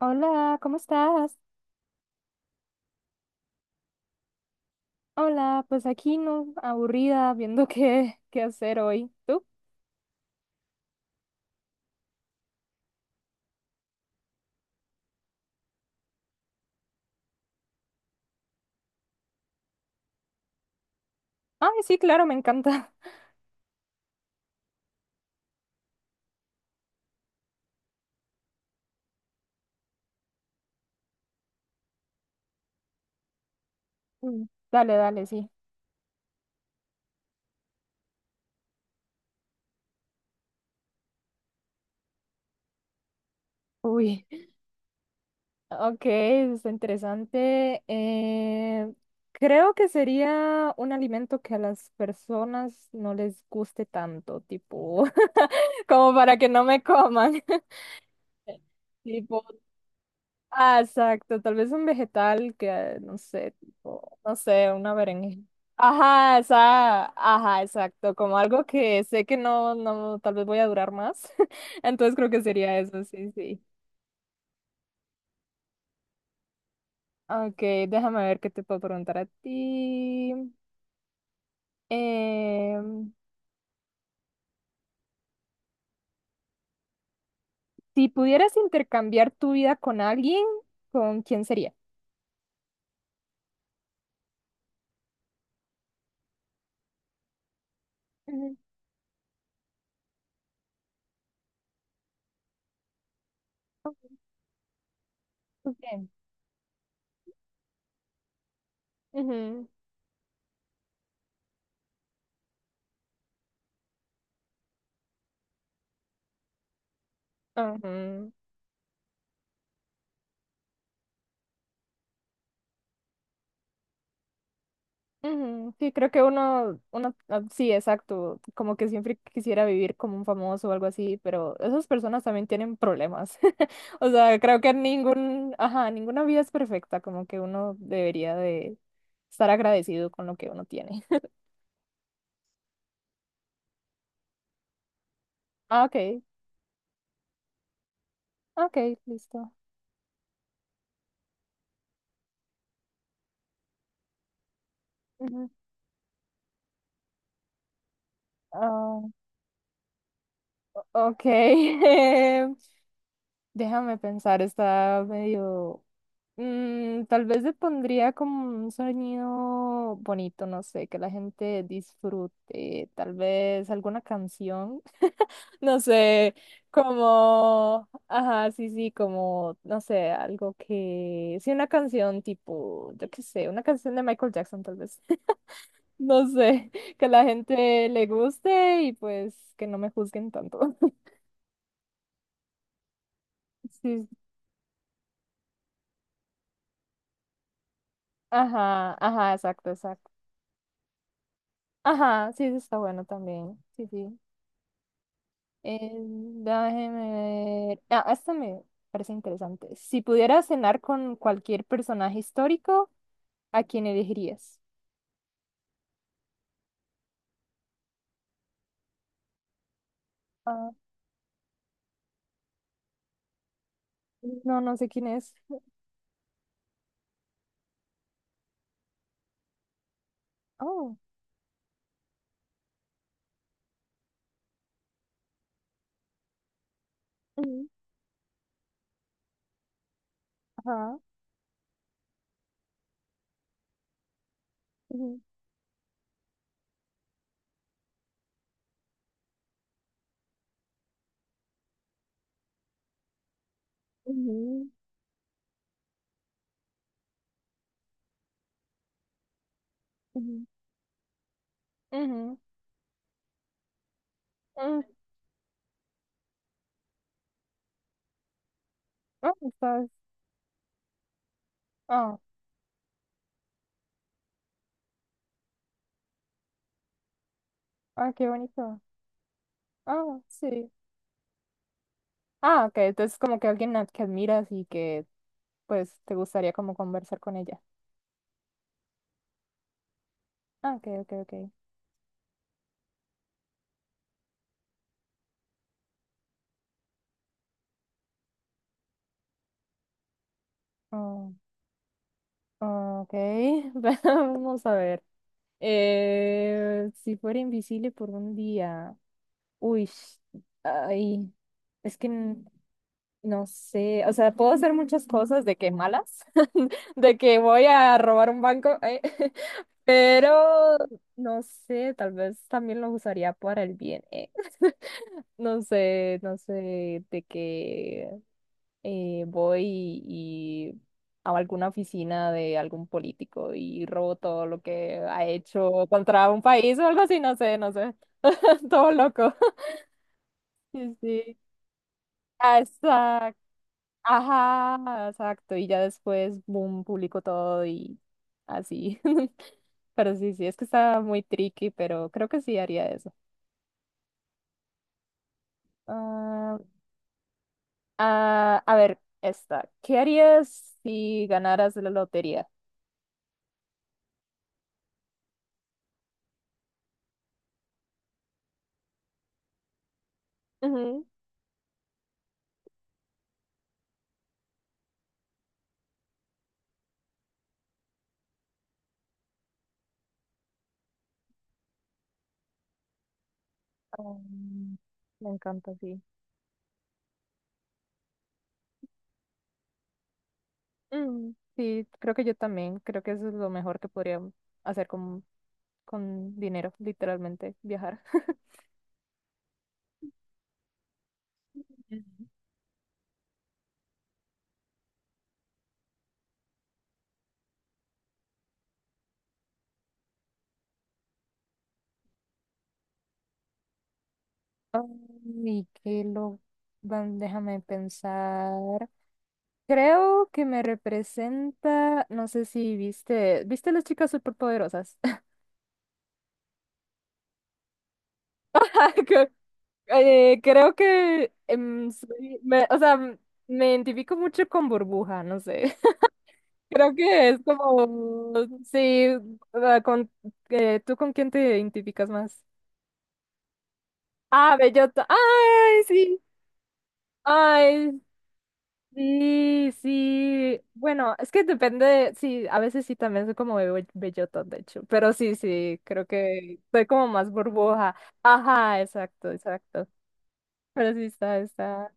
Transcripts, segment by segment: Hola, ¿cómo estás? Hola, pues aquí no, aburrida, viendo qué hacer hoy. ¿Tú? Ay, sí, claro, me encanta. Mm. Dale, dale, sí. Uy, ok, está interesante. Creo que sería un alimento que a las personas no les guste tanto, tipo, como para que no me coman. Tipo. Ah, exacto, tal vez un vegetal que, no sé, tipo, no sé, una berenjena. Ajá, esa, ajá, exacto, como algo que sé que no, no, tal vez voy a durar más. Entonces creo que sería eso, sí, sí. Ok, déjame ver qué te puedo preguntar a ti. Em, si pudieras intercambiar tu vida con alguien, ¿con quién sería? Ujú. Ok. Ujú, ujú. Ujú. Sí, creo que uno, ah, sí, exacto, como que siempre quisiera vivir como un famoso o algo así, pero esas personas también tienen problemas. O sea, creo que ningún, ajá, ninguna vida es perfecta, como que uno debería de estar agradecido con lo que uno tiene. Ah, ok, ok, listo. Ujú. Ah, ok, déjame pensar, está medio. Mm, tal vez le pondría como un sonido bonito, no sé, que la gente disfrute, tal vez alguna canción, no sé, como, ajá, sí, sí, como, no sé, algo que, sí, una canción tipo, yo qué sé, una canción de Michael Jackson tal vez, no sé, que la gente le guste y pues que no me juzguen tanto. Sí, ajá, ajá, exacto, exacto. Ajá, sí, eso está bueno también, sí, sí. Déjeme ver. Ah, esta me parece interesante. Si pudieras cenar con cualquier personaje histórico, ¿a quién elegirías? Ah, no, no sé quién es. Oh, ujú, ajá. Ujú, ujú, ujú, ujú, mm, ah, estás. Ah, ah, qué bonito. Ah, sí. Ah, ok. Entonces, como que alguien a- que admiras y que, pues, te gustaría como conversar con ella. Ah, ok, ok, ok. Oh, ok. Vamos a ver. Si fuera invisible por un día, uy, ay, es que n- no sé, o sea, puedo hacer muchas cosas de que malas, de que voy a robar un banco, pero no sé, tal vez también lo usaría para el bien, eh. No sé, no sé, de que voy y a alguna oficina de algún político y robo todo lo que ha hecho contra un país o algo así, no sé, no sé. Todo loco. Sí, sí. Exacto. Ajá, exacto. Y ya después, boom, publico todo y así. Pero sí, sí, es que está muy tricky, pero creo que sí haría eso. Ah, ah, a ver, esta. ¿Qué harías si ganaras la lotería? Ujú. Mm. Me encanta, sí. Mm, sí, creo que yo también. Creo que eso es lo mejor que podría hacer con dinero, literalmente, viajar. Ujú. Y que lo... van- déjame pensar. Creo que me representa, no sé si viste, ¿viste las chicas superpoderosas? Creo creo que soy- me, o sea, me identifico mucho con Burbuja, no sé. Creo que es como, sí, ah, con, ¿tú con quién te identificas más? Ah, bellota. Ay, sí. Ay, sí, sí. Bueno, es que depende, de- sí, a veces sí también soy como be- bellota, de hecho, pero sí, sí, creo que soy como más burbuja. Ajá, exacto, exacto. Pero sí está, está.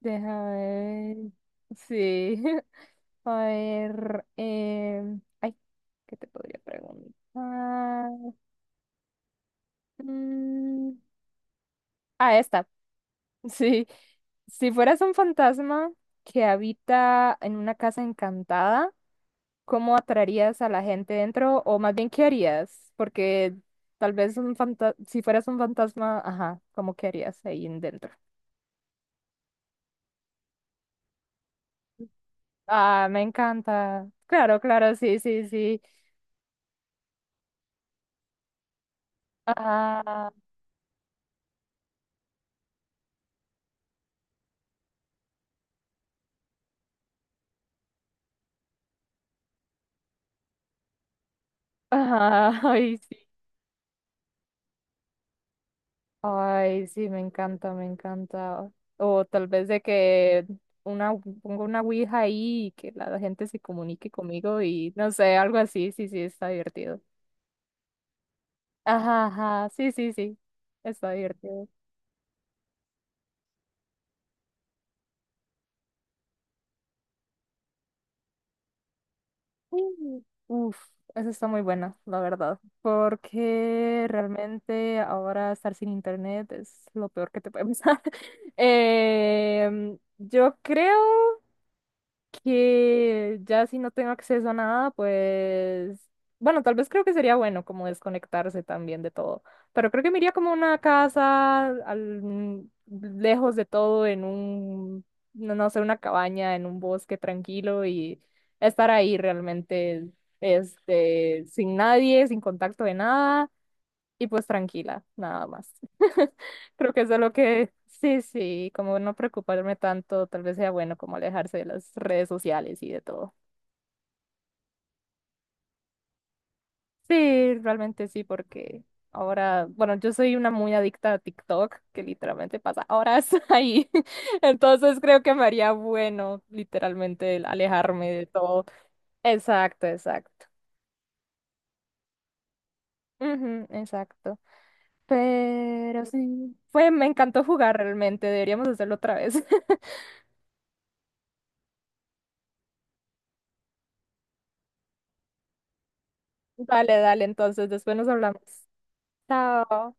Déjame ver. Sí. A ver, ay, ¿qué te podría preguntar? Mm, ah, esta. Sí. Si fueras un fantasma que habita en una casa encantada, ¿cómo atraerías a la gente dentro? O más bien, ¿qué harías? Porque tal vez un fanta- si fueras un fantasma, ajá, ¿cómo qué harías ahí en dentro? Ah, me encanta. Claro, claro, sí, sí, sí. Ah, ajá, ay, sí. Ay, sí, me encanta, me encanta. O tal vez de que una, pongo una ouija ahí y que la gente se comunique conmigo y no sé, algo así, sí, sí, está divertido. Ajá, ajá, sí, sí, sí, está divertido. Mm. Uf, eso está muy buena, la verdad, porque realmente ahora estar sin internet es lo peor que te puede pasar. Yo creo que ya si no tengo acceso a nada, pues, bueno, tal vez creo que sería bueno como desconectarse también de todo, pero creo que me iría como a una casa al- mm, lejos de todo, en un, no, no sé, una cabaña, en un bosque tranquilo y estar ahí realmente, este, sin nadie, sin contacto de nada y pues tranquila, nada más. Creo que eso es lo que, sí, sí, como no preocuparme tanto, tal vez sea bueno como alejarse de las redes sociales y de todo. Sí, realmente sí, porque ahora, bueno, yo soy una muy adicta a TikTok, que literalmente pasa horas ahí. Entonces creo que me haría bueno, literalmente, el alejarme de todo. Exacto, exacto. Ujú, exacto. Pero sí, fue, me encantó jugar realmente, deberíamos hacerlo otra vez. Dale, dale, entonces después nos hablamos. Chao.